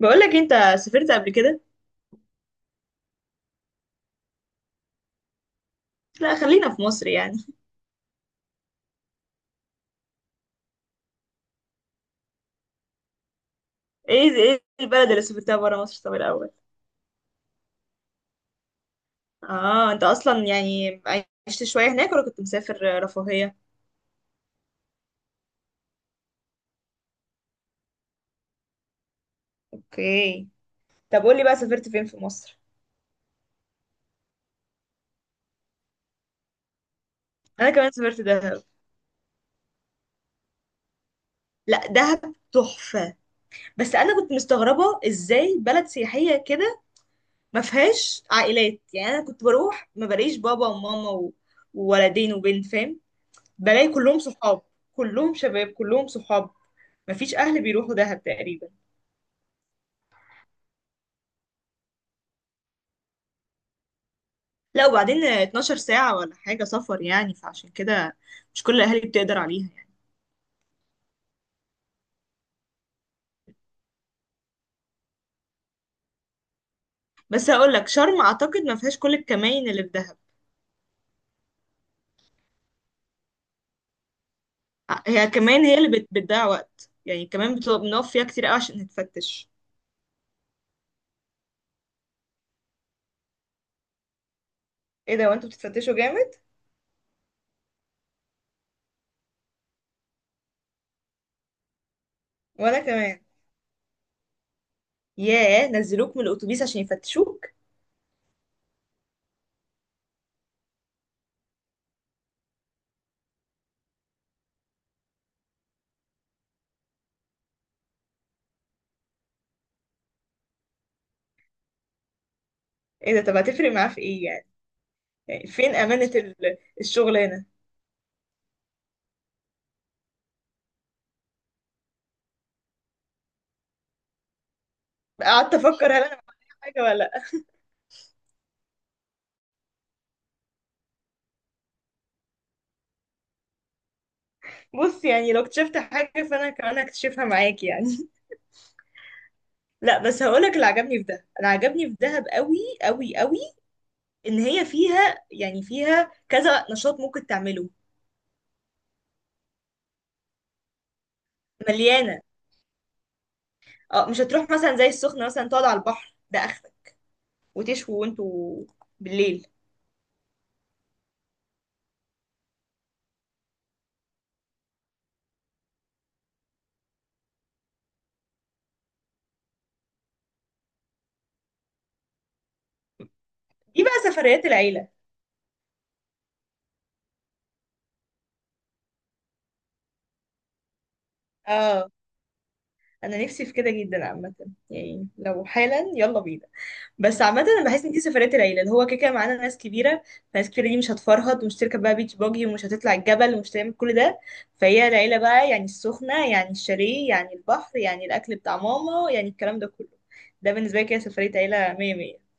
بقولك انت سافرت قبل كده. لا خلينا في مصر يعني. ايه البلد اللي سافرتها برا مصر طب الاول؟ اه انت اصلا يعني عشت شويه هناك ولا كنت مسافر رفاهيه؟ اوكي، طب قولي بقى سافرت فين في مصر؟ انا كمان سافرت دهب. لا دهب تحفه، بس انا كنت مستغربه ازاي بلد سياحيه كده ما فيهاش عائلات، يعني انا كنت بروح ما بلاقيش بابا وماما وولدين وبنت فاهم، بلاقي كلهم صحاب، كلهم شباب كلهم صحاب، مفيش اهل بيروحوا دهب تقريبا. لا وبعدين 12 ساعة ولا حاجة سفر، يعني فعشان كده مش كل الأهالي بتقدر عليها يعني. بس هقول لك شرم أعتقد ما فيهاش كل الكمائن اللي في دهب. هي كمان هي اللي بتضيع وقت، يعني كمان بتبقى بنقف فيها كتير قوي عشان نتفتش. ايه ده وانتوا بتتفتشوا جامد؟ وانا كمان. ياه نزلوك من الاتوبيس عشان يفتشوك؟ ايه ده طب هتفرق معاه في ايه يعني؟ يعني فين امانة الشغلانة؟ قعدت افكر هل انا معايا حاجة ولا لا. بص يعني لو اكتشفت حاجة فانا كمان هكتشفها معاك يعني. لا بس هقولك اللي عجبني في ده، انا عجبني في دهب قوي قوي قوي ان هي فيها يعني فيها كذا نشاط ممكن تعمله. مليانه. اه مش هتروح مثلا زي السخنه مثلا تقعد على البحر ده اخرك، وتشوي وانتوا بالليل. دي بقى سفريات العيله. اه انا نفسي في كده جدا عامه، يعني لو حالا يلا بينا. بس عامة انا بحس ان دي سفرية العيلة، اللي هو كده كده معانا ناس كبيرة، فناس كبيرة دي مش هتفرهد ومش تركب بقى بيتش باجي ومش هتطلع الجبل ومش تعمل كل ده. فهي العيلة بقى يعني السخنة يعني الشاليه يعني البحر يعني الأكل بتاع ماما يعني الكلام ده كله. ده بالنسبة لي كده سفرية عيلة مية مية.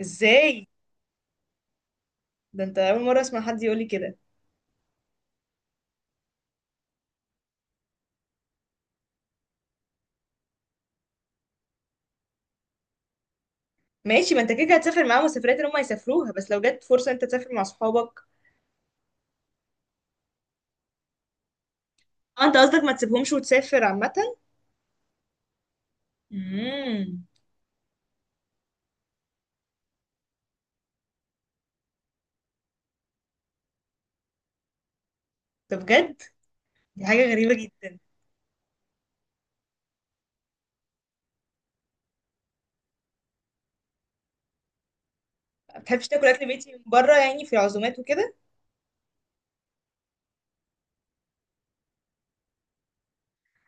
ازاي؟ ده انت أول مرة أسمع حد يقولي كده. ماشي، ما انت كده كده هتسافر معاهم السفريات اللي هم هيسافروها، بس لو جت فرصة انت تسافر مع صحابك. اه انت قصدك ما تسيبهمش وتسافر عامة؟ امم. ده بجد؟ دي حاجة غريبة جدا. ما بتحبش تاكل اكل بيتي من بره يعني، في العزومات وكده؟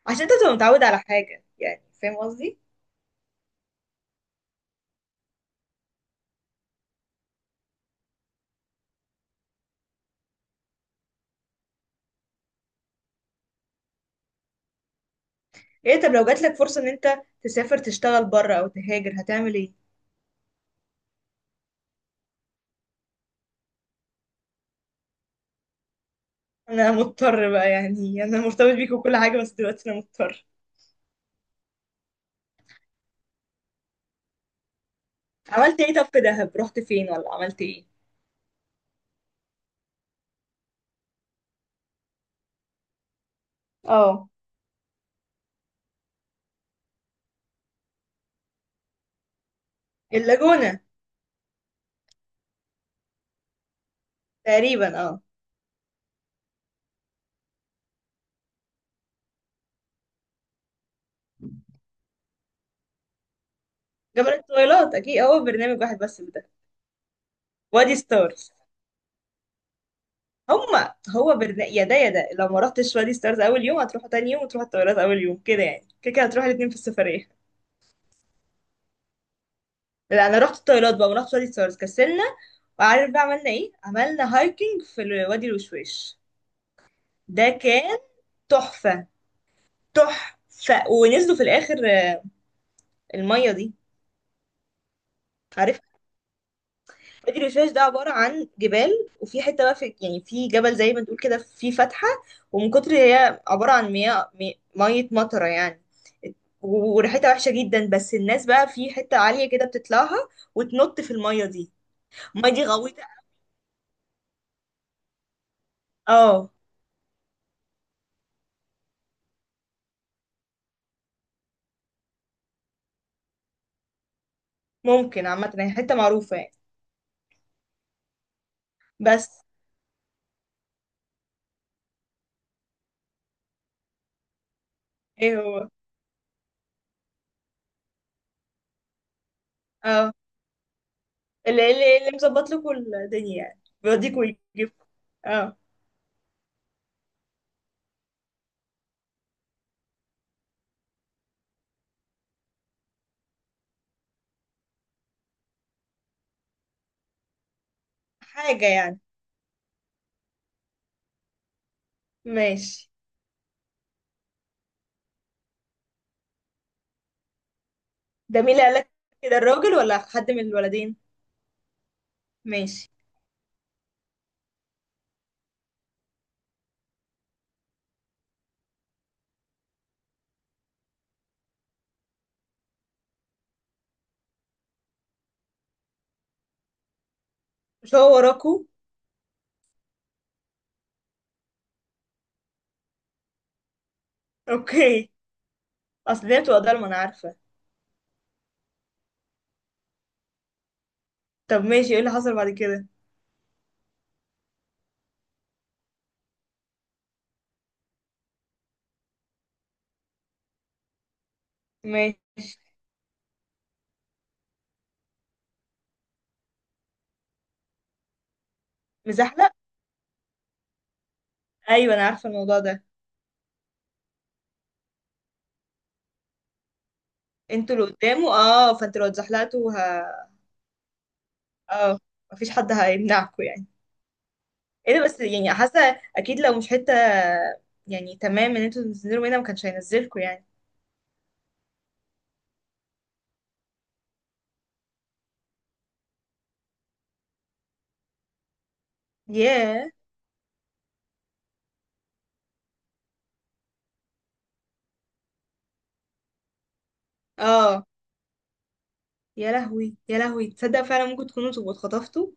عشان انت تبقى متعود على حاجه، يعني فاهم قصدي. ايه طب لو جاتلك فرصه ان انت تسافر تشتغل بره او تهاجر هتعمل ايه؟ انا مضطر بقى، يعني انا مرتبط بيك وكل حاجه بس دلوقتي انا مضطر. عملت ايه طب في دهب، رحت فين ولا عملت ايه؟ اه. اللاجونه. تقريبا اه. جبل الطويلات اكيد، هو برنامج واحد بس ده. وادي ستارز. هما هو برنامج يا ده يا ده، لو ما رحتش وادي ستارز اول يوم هتروح تاني يوم وتروح الطويلات اول يوم كده، يعني كده كده هتروح الاتنين في السفريه. لا انا رحت الطيارات بقى ورحت وادي سوارز كسلنا. وعارف بقى عملنا ايه؟ عملنا هايكنج في وادي الوشواش. ده كان تحفة. تحفة ونزلوا في الاخر المية دي. عارف؟ وادي الوشواش ده عبارة عن جبال، وفي حتة بقى في يعني في جبل زي ما تقول كده في فتحة، ومن كتر هي عبارة عن مياه مية مطرة يعني، وريحتها وحشة جدا، بس الناس بقى في حتة عالية كده بتطلعها وتنط في المية دي. المية دي غويطة. اه ممكن عامة هي حتة معروفة يعني. بس ايه هو؟ اه اللي اللي مظبط لكم الدنيا يعني، بيوديكوا ويجيبكوا. اه. حاجة يعني. ماشي. ده مين اللي قالك كده، الراجل ولا حد من الولدين؟ ماشي. مش هو وراكوا؟ اوكي. اصل دي بتبقى ضلمة انا عارفة. طب ماشي، ايه اللي حصل بعد كده؟ ماشي. مزحلق. ايوه انا عارفة الموضوع ده. انتوا اللي قدامه اه، فانتوا لو اتزحلقتوا اه، مفيش حد هيمنعكوا يعني. ايه ده، بس يعني حاسه اكيد لو مش حته يعني تمام ان انتوا تنزلوا هنا ما كانش هينزلكوا يعني. ياه. اه يا لهوي يا لهوي، تصدق فعلا ممكن تكونوا تبقوا اتخطفتوا.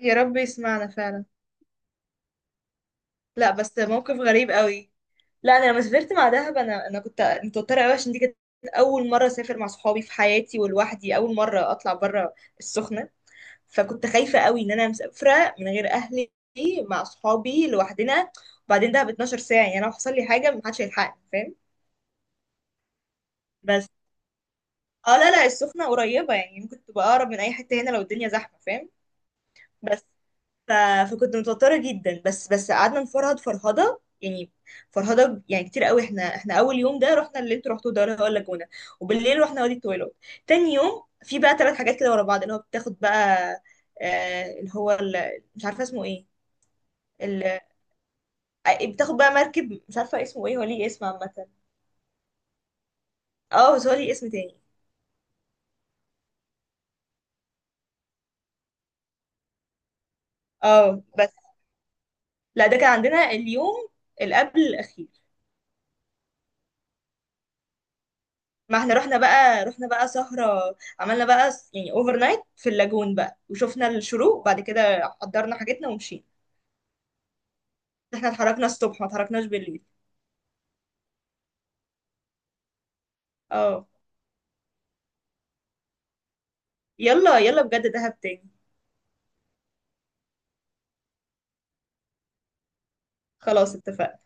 يا رب يسمعنا فعلا. لا بس موقف غريب قوي. لا انا لما سافرت مع دهب، انا كنت متوتره قوي عشان دي كانت اول مره اسافر مع صحابي في حياتي ولوحدي، اول مره اطلع بره السخنه، فكنت خايفه قوي ان انا مسافره من غير اهلي مع صحابي لوحدنا. وبعدين دهب 12 ساعه، يعني لو حصل لي حاجه محدش هيلحقني فاهم. بس اه لا لا السخنة قريبة، يعني ممكن تبقى أقرب من أي حتة هنا لو الدنيا زحمة فاهم. بس ف... فكنت متوترة جدا. بس قعدنا نفرهد فرهدة يعني، فرهدة يعني كتير قوي. احنا أول يوم ده رحنا اللي انتوا رحتوه ده اللي هو اللاجونة، وبالليل رحنا وادي الطويلات. تاني يوم في بقى ثلاث حاجات كده ورا بعض اللي هو بتاخد بقى آه اللي هو مش عارفة اسمه ايه. ال... آه، بتاخد بقى مركب مش عارفة اسمه ايه، هو ليه اسم عامة. اه بس هو ليه اسم تاني. اه بس لا ده كان عندنا اليوم اللي قبل الأخير. ما احنا رحنا بقى، رحنا بقى سهرة، عملنا بقى يعني اوفر نايت في اللاجون بقى، وشفنا الشروق بعد كده، حضرنا حاجتنا ومشينا. احنا اتحركنا الصبح ما اتحركناش بالليل. اه يلا يلا بجد دهب تاني. خلاص اتفقنا.